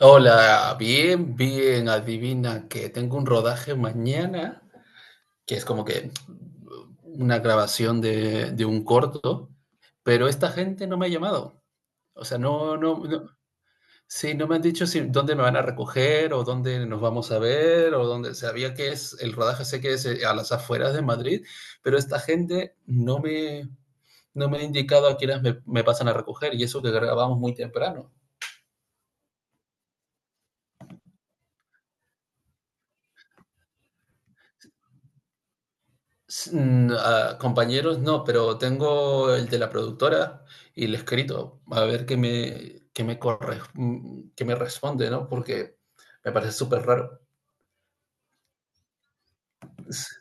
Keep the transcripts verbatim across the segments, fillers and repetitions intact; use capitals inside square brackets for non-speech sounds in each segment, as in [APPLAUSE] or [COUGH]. Hola, bien, bien, adivina que tengo un rodaje mañana, que es como que una grabación de, de un corto, pero esta gente no me ha llamado. O sea, no, no, no, sí, no me han dicho si, dónde me van a recoger o dónde nos vamos a ver o dónde, sabía que es, el rodaje sé que es eh, a las afueras de Madrid, pero esta gente no me, no me, ha indicado a quiénes me, me pasan a recoger y eso que grabamos muy temprano. S- mm, a compañeros, no, pero tengo el de la productora y el escrito, a ver qué me, qué me, corre, mm, qué me responde, ¿no? Porque me parece súper raro. S-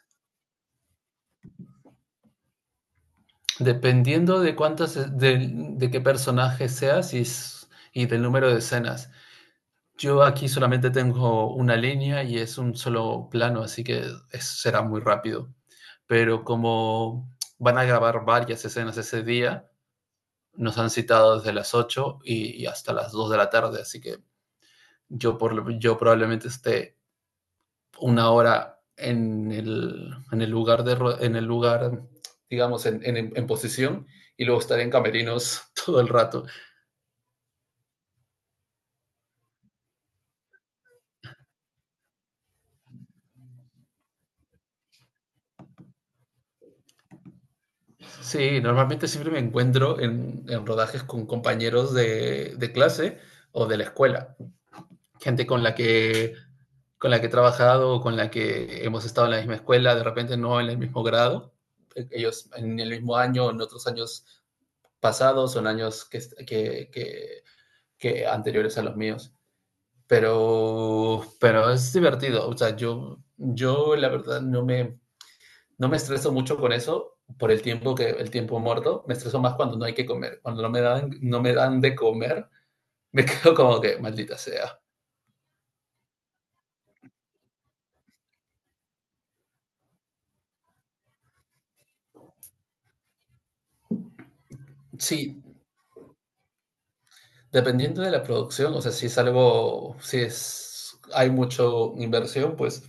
Dependiendo de cuántas, e- de, de qué personaje seas y, s- y del número de escenas. Yo aquí solamente tengo una línea y es un solo plano, así que es- será muy rápido. Pero como van a grabar varias escenas ese día, nos han citado desde las ocho y, y hasta las dos de la tarde, así que yo, por, yo probablemente esté una hora en el, en el lugar, de, en el lugar digamos, en, en, en posición y luego estaré en camerinos [LAUGHS] todo el rato. Sí, normalmente siempre me encuentro en, en, rodajes con compañeros de, de clase o de la escuela. Gente con la que, con la que he trabajado, con la que hemos estado en la misma escuela, de repente no en el mismo grado, E-, ellos en el mismo año, en otros años pasados, son años que, que, que, que anteriores a los míos. Pero, pero, es divertido, o sea, yo, yo, la verdad no me, no me estreso mucho con eso por el tiempo, que el tiempo muerto, me estreso más cuando no hay que comer, cuando no me dan no me dan de comer, me [LAUGHS] quedo como que maldita sea. Sí, Dependiendo de la producción, o sea, si es algo, si es, hay mucho inversión, pues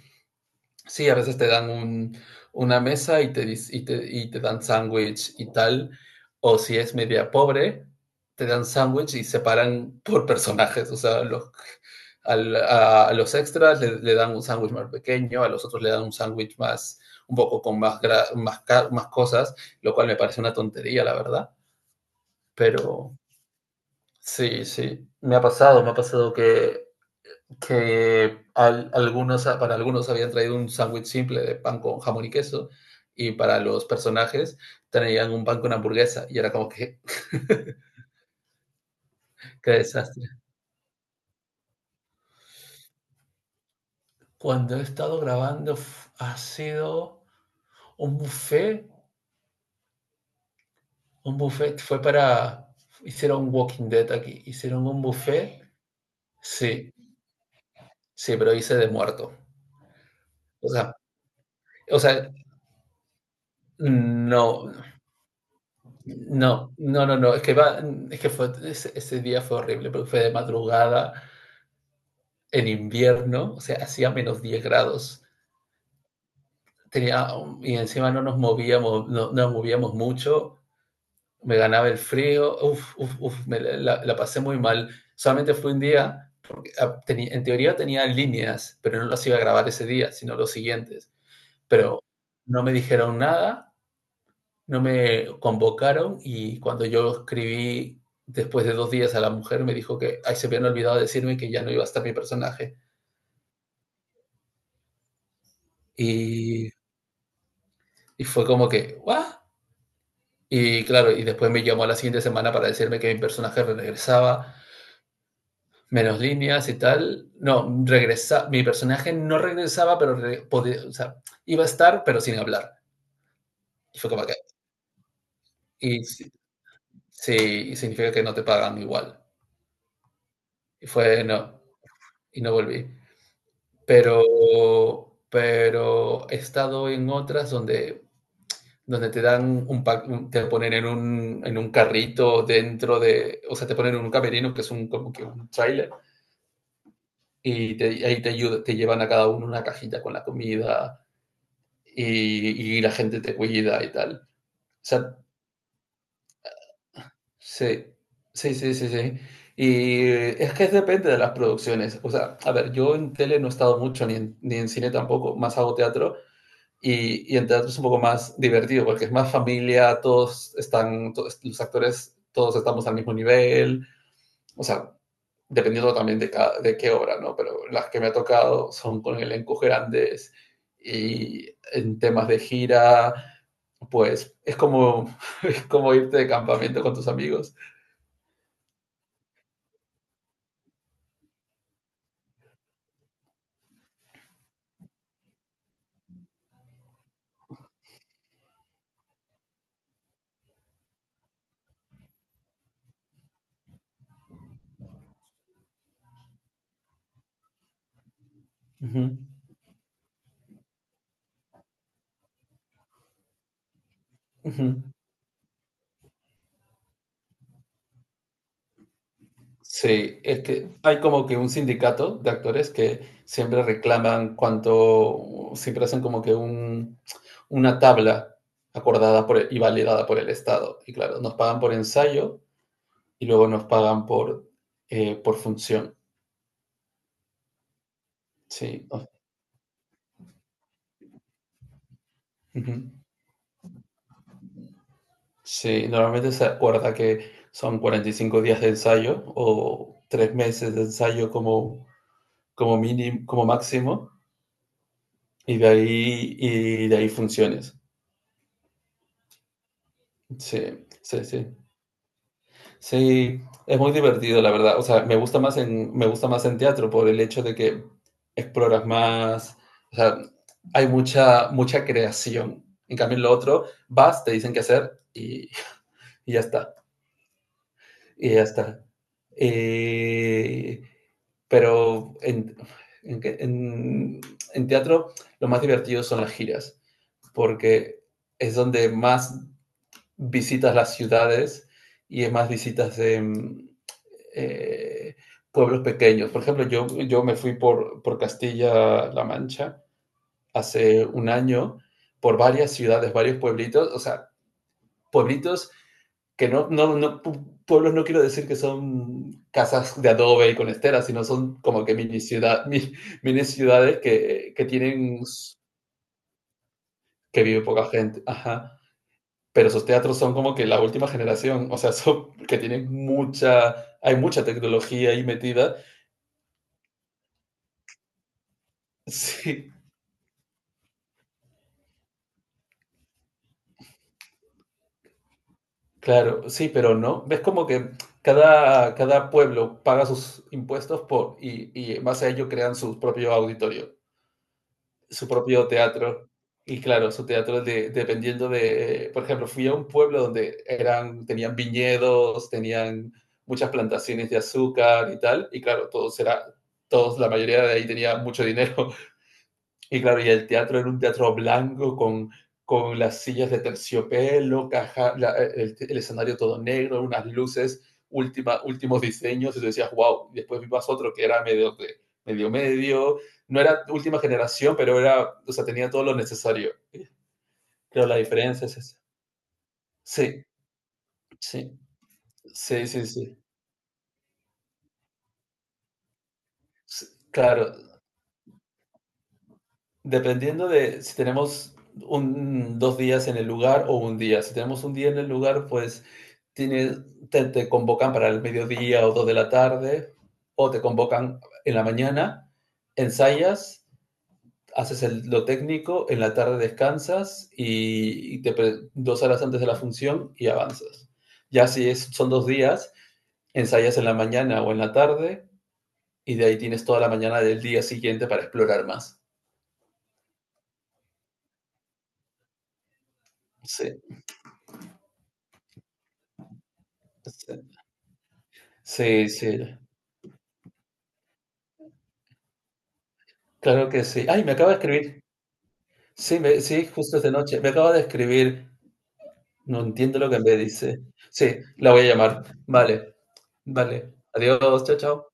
sí, a veces te dan un, una mesa y te, dis- y te, y te dan sándwich y tal, o si es media pobre, te dan sándwich y separan por personajes, o sea, los, al- a, a los extras le, le dan un sándwich más pequeño, a los otros le dan un sándwich más, un poco con más, gra- más, ca- más cosas, lo cual me parece una tontería, la verdad, pero. Sí, sí. Me ha pasado, me ha pasado que, que al- algunos, para algunos habían traído un sándwich simple de pan con jamón y queso, y para los personajes traían un pan con hamburguesa y era como que, [LAUGHS] qué desastre. Cuando he estado grabando f- ha sido un buffet. un buffet fue para, Hicieron Walking Dead aquí, hicieron un buffet, sí, sí, pero hice de muerto. O sea, o sea, no. No, no, no, no, es que va, es que fue, ese, ese día fue horrible, porque fue de madrugada, en invierno, o sea, hacía menos diez grados, tenía, y encima no nos movíamos, no, no nos movíamos mucho, me ganaba el frío, uf, uf, uf, me la, la pasé muy mal, solamente fue un día, porque ah, tenía- en teoría tenía líneas, pero no las iba a grabar ese día, sino los siguientes, pero no me dijeron nada. No me convocaron, y cuando yo escribí después de dos días a la mujer, me dijo que ahí se habían olvidado de decirme que ya no iba a estar mi personaje. Y, y fue como que, ¿what? Y claro, y después me llamó a la siguiente semana para decirme que mi personaje regresaba, menos líneas y tal. No, regresa, mi personaje no regresaba, pero re- podía- o sea, iba a estar, pero sin hablar. Y fue como que, y sí, sí, y significa que no te pagan igual. Y fue, no, y no volví. Pero pero he estado en otras donde donde te dan un pack, un te ponen en un en un carrito, dentro de o sea, te ponen en un camerino, que es un como que un tráiler, y te, ahí te ayuda, te llevan a cada uno una cajita con la comida, y, y la gente te cuida y tal. O sea, sí, sí, sí, sí, sí. Y eh, es que depende de las producciones. O sea, a ver, yo en tele no he estado mucho, ni en, ni en, cine tampoco, más hago teatro. Y, y en teatro es un poco más divertido porque es más familia, todos están, todos, los actores, todos estamos al mismo nivel, o sea, dependiendo también de, cada, de qué obra, ¿no? Pero las que me ha tocado son con elencos grandes, y en temas de gira, pues es como, [LAUGHS] es como irte de campamento con tus amigos. Uh -huh. Uh -huh. Sí, es que hay como que un sindicato de actores que siempre reclaman cuánto, siempre hacen como que un, una tabla acordada por, y validada por el Estado. Y claro, nos pagan por ensayo, y luego nos pagan por, eh, por función. Sí. O- ujú. Sí, normalmente se acuerda que son cuarenta y cinco días de ensayo o tres meses de ensayo, como, como mínimo, como máximo, y de ahí, y de ahí funciones. Sí, sí, sí. Sí, es muy divertido, la verdad. O sea, me gusta más en, me gusta más en, teatro por el hecho de que exploras más, o sea, hay mucha, mucha creación. En cambio, en lo otro, vas, te dicen qué hacer, y, y ya está. Y ya está. Eh, pero en, en, que- en- en teatro lo más divertido son las giras, porque es donde más visitas las ciudades, y es más visitas de mm, eh, pueblos pequeños. Por ejemplo, yo, yo, me fui por, por Castilla-La Mancha hace un año, por varias ciudades, varios pueblitos, o sea, pueblitos que no, no, no, pueblos, no quiero decir que son casas de adobe y con esteras, sino son como que mini, ciudad, mini, mini ciudades que, que, tienen, que vive poca gente. Ajá. Pero esos teatros son como que la última generación, o sea, [LAUGHS] son que tienen mucha, hay mucha tecnología ahí metida. Sí, claro, sí, pero no. Ves como que cada, cada, pueblo paga sus impuestos por, y, y en base a ello crean su propio auditorio, su propio teatro. Y claro, su teatro de- dependiendo de, eh, por ejemplo, fui a un pueblo donde eran, tenían viñedos, tenían muchas plantaciones de azúcar y tal, y claro, todos era, todos, la mayoría de ahí tenía mucho dinero. Y claro, y el teatro era un teatro blanco con, con las sillas de terciopelo, caja, la- eh, el, el escenario todo negro, unas luces, última, últimos diseños, y tú decías, wow. Después vimos otro que era medio de- medio medio, no era última generación, pero era, o sea, tenía todo lo necesario. Pero la diferencia es esa. Sí, sí, sí, sí, sí. S- Claro, dependiendo de si tenemos un, dos días en el lugar o un día. Si tenemos un día en el lugar, pues Tienes, te, te convocan para el mediodía o dos de la tarde, o te convocan en la mañana, ensayas, haces el- lo técnico, en la tarde descansas, y, y te dos horas antes de la función y avanzas. Ya si es, son dos días, ensayas en la mañana o en la tarde, y de ahí tienes toda la mañana del día siguiente para explorar más. Sí, sí, sí, sí, claro que sí. Ay, me acaba de escribir. Sí, me- sí, justo esta noche. Me acaba de escribir. No entiendo lo que me dice. Sí, la voy a llamar. Vale, vale. Adiós, chao, chao.